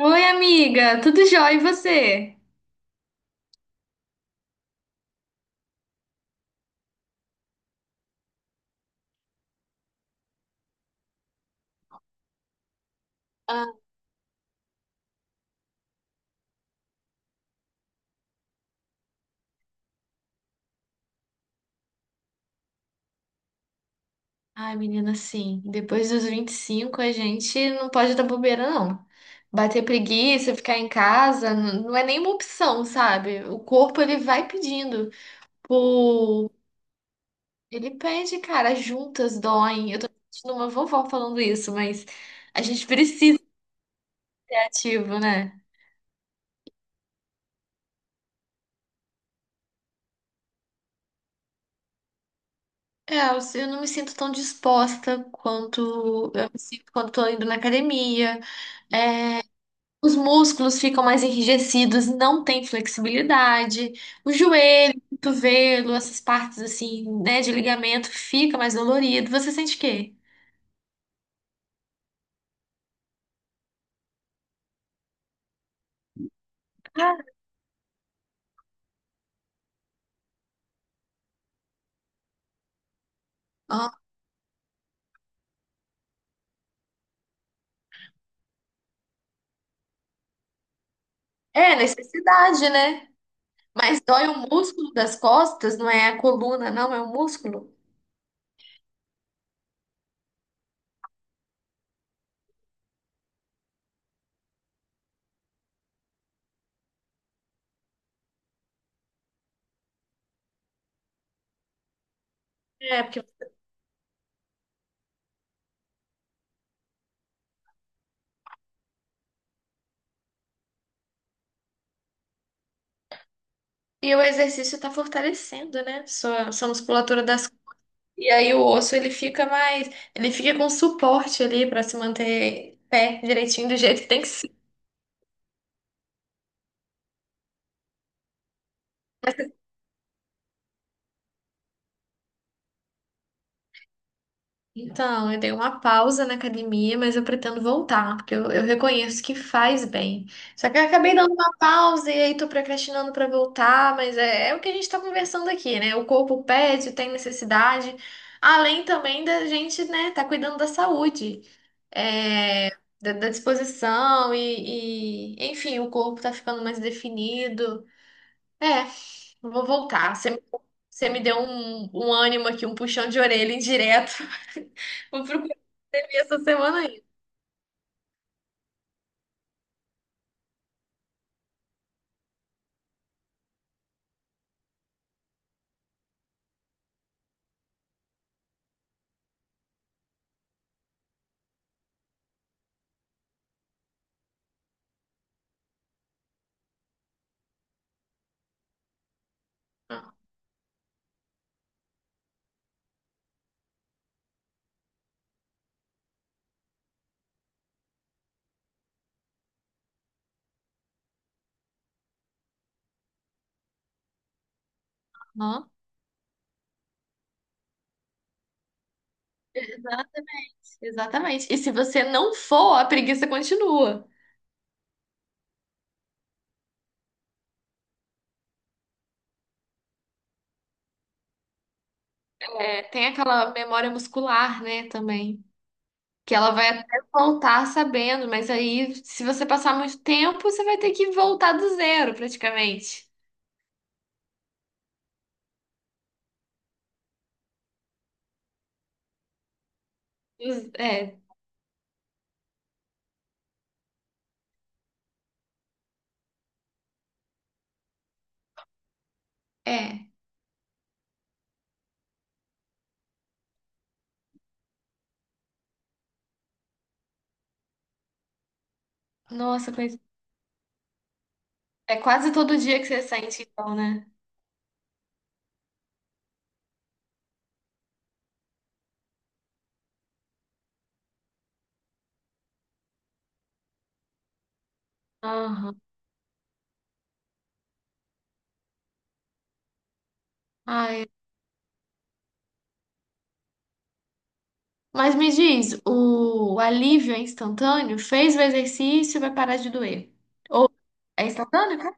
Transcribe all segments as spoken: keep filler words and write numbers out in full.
Oi, amiga, tudo jóia e você? Ai, menina, sim, depois dos vinte e cinco a gente não pode dar bobeira, não. Bater preguiça, ficar em casa, n- não é nenhuma opção, sabe? O corpo ele vai pedindo por... Ele pede, cara, as juntas doem. Eu tô sentindo uma vovó falando isso, mas a gente precisa ser ativo, né? É, eu eu não me sinto tão disposta quanto eu me sinto quando tô indo na academia. Os músculos ficam mais enrijecidos, não tem flexibilidade. O joelho, o cotovelo, essas partes assim, né, de ligamento, fica mais dolorido. Você sente o quê? Ah, ó. É necessidade, né? Mas dói o músculo das costas, não é a coluna, não, é o músculo. É, porque... E o exercício está fortalecendo, né? Sua, sua musculatura das. E aí o osso, ele fica mais... Ele fica com suporte ali para se manter pé direitinho, do jeito que tem que. Então, eu dei uma pausa na academia, mas eu pretendo voltar, porque eu, eu reconheço que faz bem. Só que eu acabei dando uma pausa e aí tô procrastinando pra voltar, mas é, é o que a gente tá conversando aqui, né? O corpo pede, tem necessidade, além também da gente, né, tá cuidando da saúde, é, da, da disposição e, e, enfim, o corpo tá ficando mais definido. É, vou voltar. Você me, você me deu um, um ânimo aqui, um puxão de orelha indireto. Vou procurar e essa semana ainda. Aham. Exatamente. Exatamente. E se você não for, a preguiça continua. É, tem aquela memória muscular, né, também. Que ela vai até voltar sabendo, mas aí, se você passar muito tempo, você vai ter que voltar do zero, praticamente. Os- É, é. Nossa, coisa. É quase todo dia que você sente, então, né? Aham. Ai, mas me diz, o alívio é instantâneo? Fez o exercício, vai parar de doer. Ou é instantâneo, cara?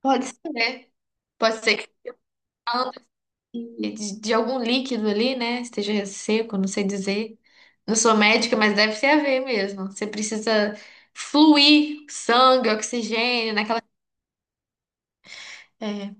Pode ser, né? Pode ser que falta de, de algum líquido ali, né? Esteja seco, não sei dizer. Não sou médica, mas deve ter a ver mesmo. Você precisa fluir sangue, oxigênio, naquela. É,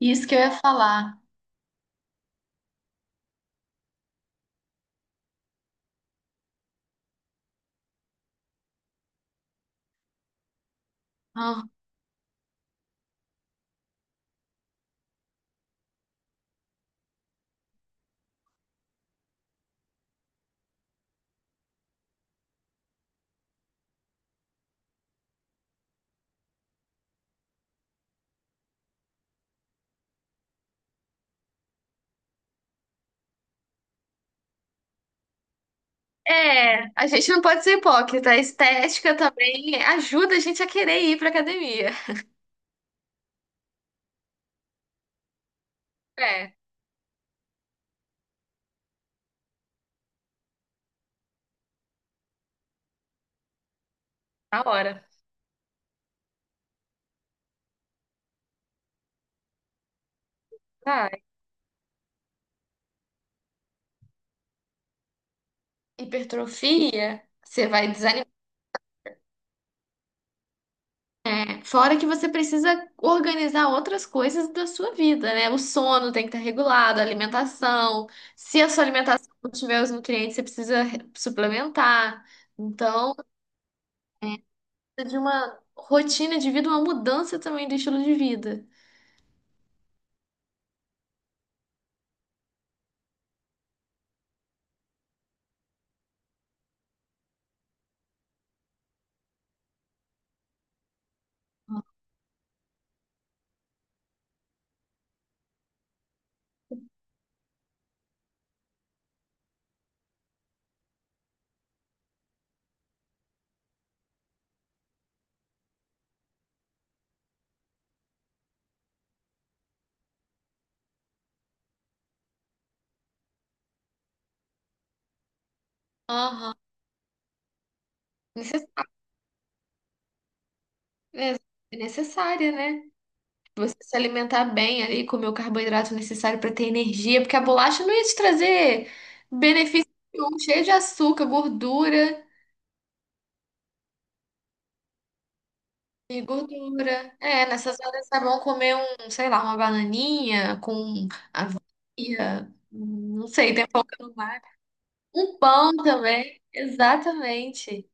isso que eu ia falar. Ah. É, a gente não pode ser hipócrita. A estética também ajuda a gente a querer ir pra academia. É, na hora. Vai. Hipertrofia, você vai desanimar. Fora que você precisa organizar outras coisas da sua vida, né? O sono tem que estar regulado, a alimentação. Se a sua alimentação não tiver os nutrientes, você precisa re- suplementar. Então, precisa de uma rotina de vida, uma mudança também do estilo de vida. Aham. Necessária, é necessária, né? Você se alimentar bem ali, comer o carboidrato necessário para ter energia, porque a bolacha não ia te trazer benefício nenhum, cheio de açúcar, gordura e gordura. É, nessas horas é bom comer um, sei lá, uma bananinha com, ia, não sei, tem pouco no mar. Um pão também, exatamente.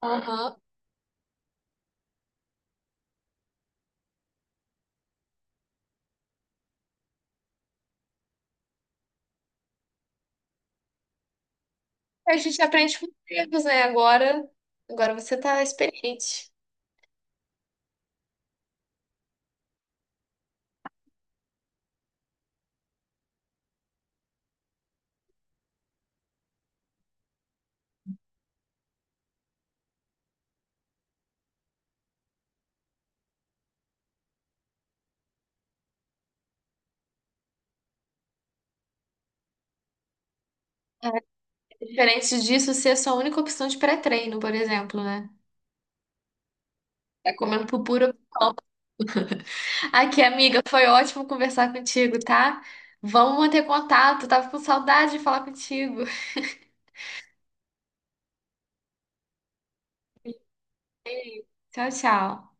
Aham. A gente aprende com os erros, né? Agora, agora você tá experiente. É diferente disso ser a sua única opção de pré-treino, por exemplo, né? Tá comendo por puro. Aqui, amiga, foi ótimo conversar contigo, tá? Vamos manter contato. Tava com saudade de falar contigo. Tchau, tchau.